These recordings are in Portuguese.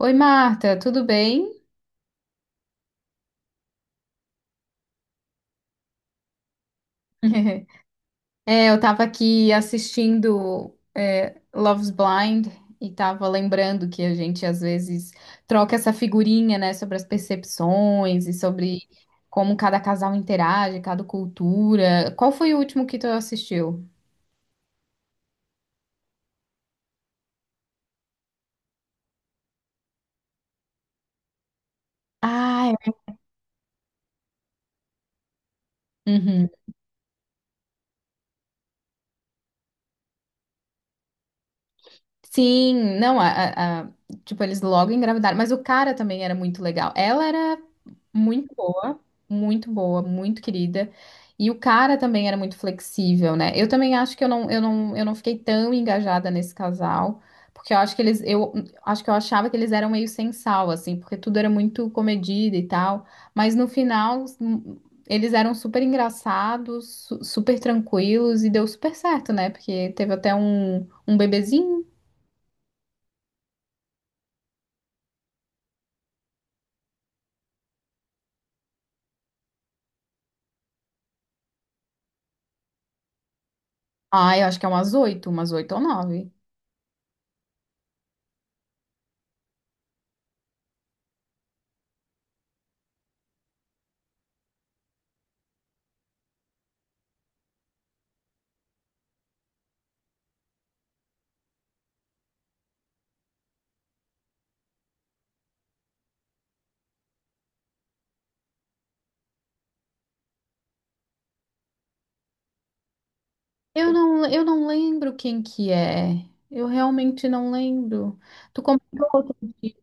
Oi, Marta, tudo bem? Eu tava aqui assistindo Love's Blind e tava lembrando que a gente às vezes troca essa figurinha, né, sobre as percepções e sobre como cada casal interage, cada cultura. Qual foi o último que tu assistiu? Ah, é. Sim, não, tipo, eles logo engravidaram, mas o cara também era muito legal. Ela era muito boa, muito boa, muito querida. E o cara também era muito flexível, né? Eu também acho que eu não fiquei tão engajada nesse casal, porque eu acho que eles, eu acho que eu achava que eles eram meio sem sal, assim, porque tudo era muito comedido e tal. Mas no final, eles eram super engraçados, super tranquilos e deu super certo, né? Porque teve até um bebezinho. Ah, eu acho que é umas oito ou nove. Eu não lembro quem que é. Eu realmente não lembro. Tu comprou outro dia.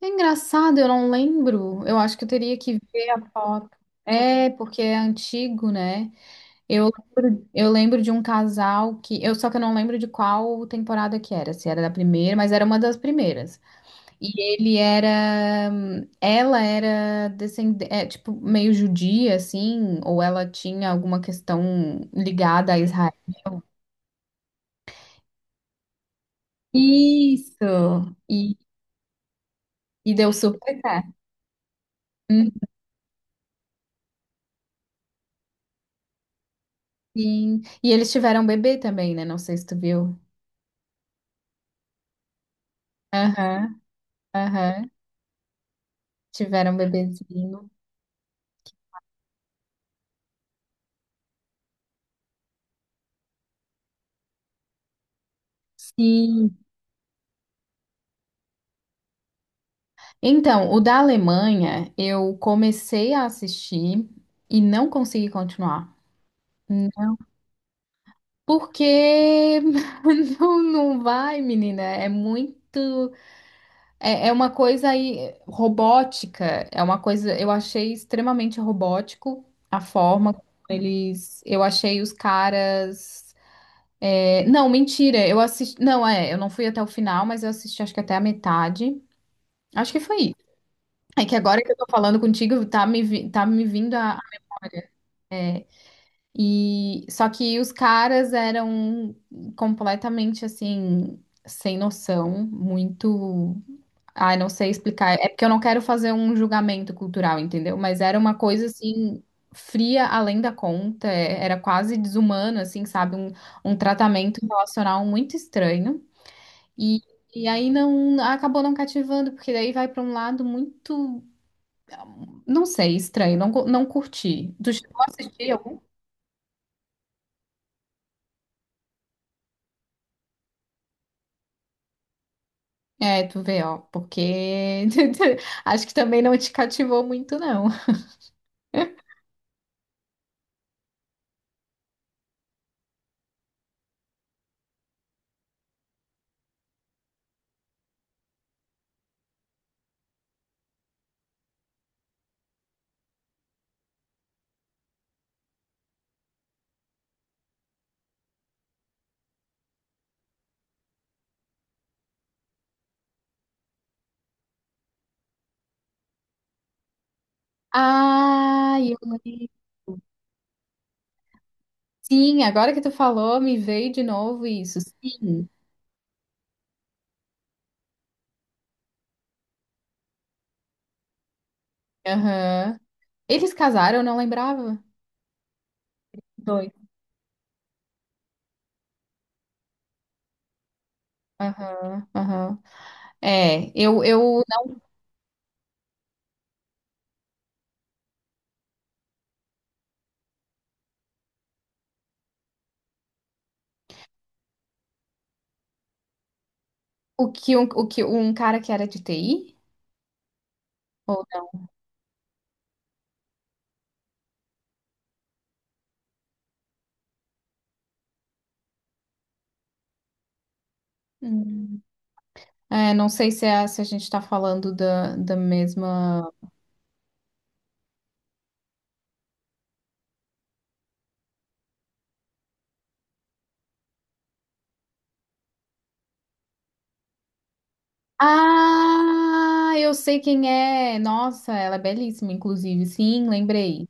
É engraçado, eu não lembro. Eu acho que eu teria que ver a foto. É, porque é antigo, né? Eu eu lembro de um casal que. Eu, só que eu não lembro de qual temporada que era, se era da primeira, mas era uma das primeiras. E ele era, ela era descendente, é, tipo, meio judia, assim, ou ela tinha alguma questão ligada a Israel. Isso! E, e deu super certo. Hum. Sim. E eles tiveram um bebê também, né? Não sei se tu viu. Aham, aham. Tiveram um bebezinho. Sim. Então, o da Alemanha, eu comecei a assistir e não consegui continuar. Porque não, não vai, menina. É muito. É, é uma coisa aí robótica. É uma coisa. Eu achei extremamente robótico a forma como eles. Eu achei os caras. É, não, mentira. Eu assisti. Não, é. Eu não fui até o final, mas eu assisti acho que até a metade. Acho que foi isso. É que agora que eu tô falando contigo, tá me, tá me vindo a. E só que os caras eram completamente assim, sem noção, muito. Ai, não sei explicar. É porque eu não quero fazer um julgamento cultural, entendeu? Mas era uma coisa assim, fria além da conta, era quase desumano, assim, sabe? Um tratamento relacional muito estranho. E, e aí não acabou não cativando, porque daí vai pra um lado muito, não sei, estranho, não, não curti. Tu chegou a assistir algum? É, tu vê, ó, porque acho que também não te cativou muito, não. Ah, eu lembro. Sim, agora que tu falou, me veio de novo isso. Sim. Aham. Eles casaram, eu não lembrava. Dois. Aham, aham. É, eu, eu, o que um cara que era de TI? Ou não? Hum. É, não sei se, é, se a gente tá falando da, da mesma. Ah, eu sei quem é. Nossa, ela é belíssima, inclusive. Sim, lembrei.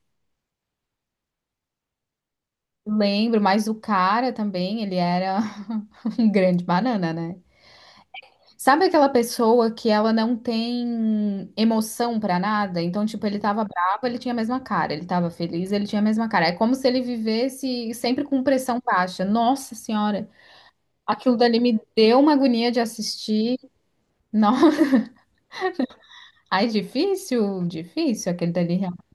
Lembro, mas o cara também, ele era um grande banana, né? Sabe aquela pessoa que ela não tem emoção pra nada? Então, tipo, ele tava bravo, ele tinha a mesma cara. Ele tava feliz, ele tinha a mesma cara. É como se ele vivesse sempre com pressão baixa. Nossa senhora, aquilo dali me deu uma agonia de assistir. Não, ai, difícil, difícil aquele dali realmente.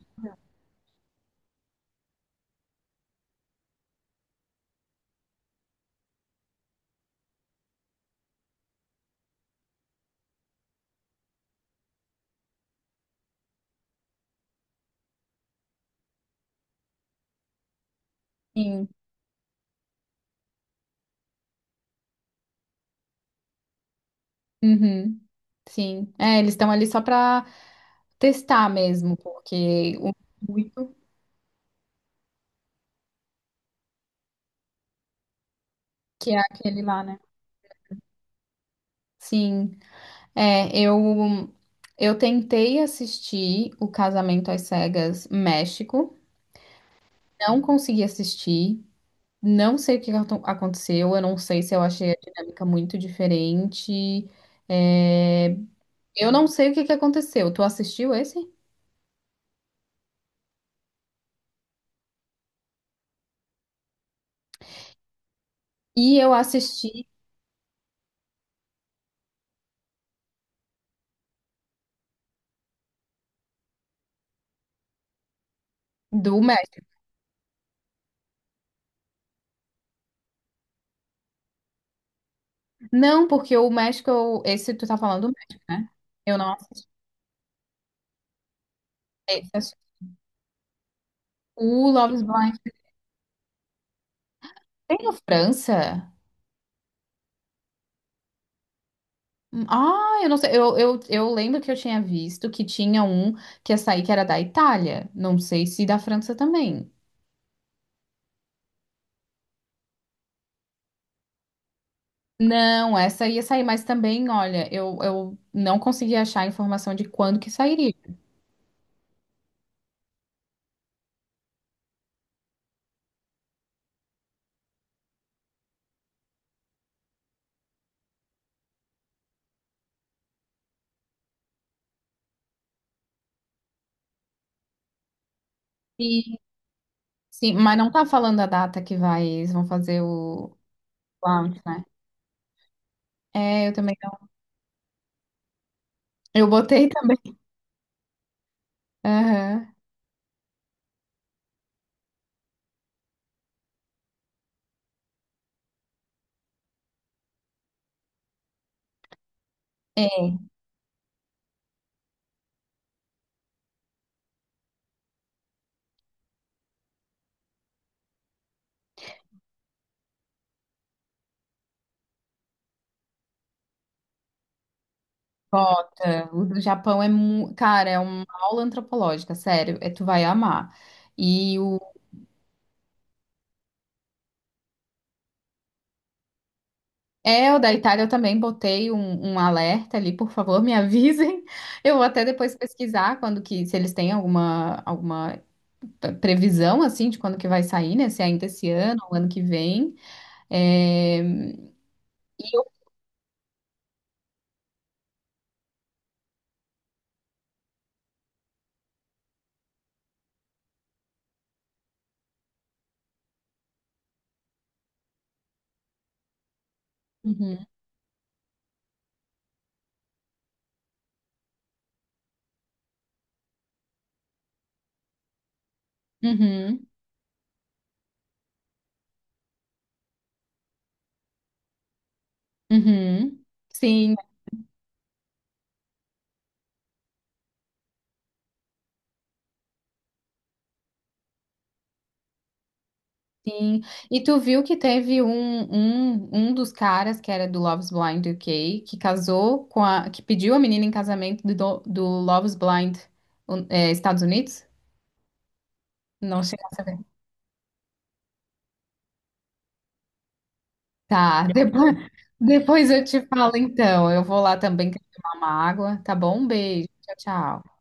Uhum, sim. É, eles estão ali só para testar mesmo, porque o intuito que é aquele lá, né? Sim. É, eu eu tentei assistir o Casamento às Cegas México, não consegui assistir. Não sei o que aconteceu, eu não sei se eu achei a dinâmica muito diferente. É, eu não sei o que que aconteceu. Tu assistiu esse? E eu assisti do México. Não, porque o México, esse tu tá falando do México, né? Eu não assisti. Esse eu assisti. O Love is Blind tem na França? Hum. Ah, eu não sei. Eu lembro que eu tinha visto que tinha um que ia sair que era da Itália. Não sei se da França também. Não, essa ia sair, mas também, olha, eu não consegui achar a informação de quando que sairia. Sim, sim, mas não tá falando a data que vai, eles vão fazer o launch, né? É, eu também não. Eu botei também. Aham. É, bota, o do Japão é, cara, é uma aula antropológica, sério, é, tu vai amar. E o é o da Itália eu também botei um alerta ali, por favor, me avisem. Eu vou até depois pesquisar quando que se eles têm alguma alguma previsão assim de quando que vai sair, né? Se é ainda esse ano ou ano que vem. É... Uhum, uhum, uhum. Sim, sim. E tu viu que teve um dos caras que era do Love's Blind UK que casou com a que pediu a menina em casamento do, do Love's Blind um, é, Estados Unidos? Não chega a saber. Tá, depois, depois eu te falo então. Eu vou lá também que eu vou tomar uma água, tá bom? Um beijo. Tchau, tchau.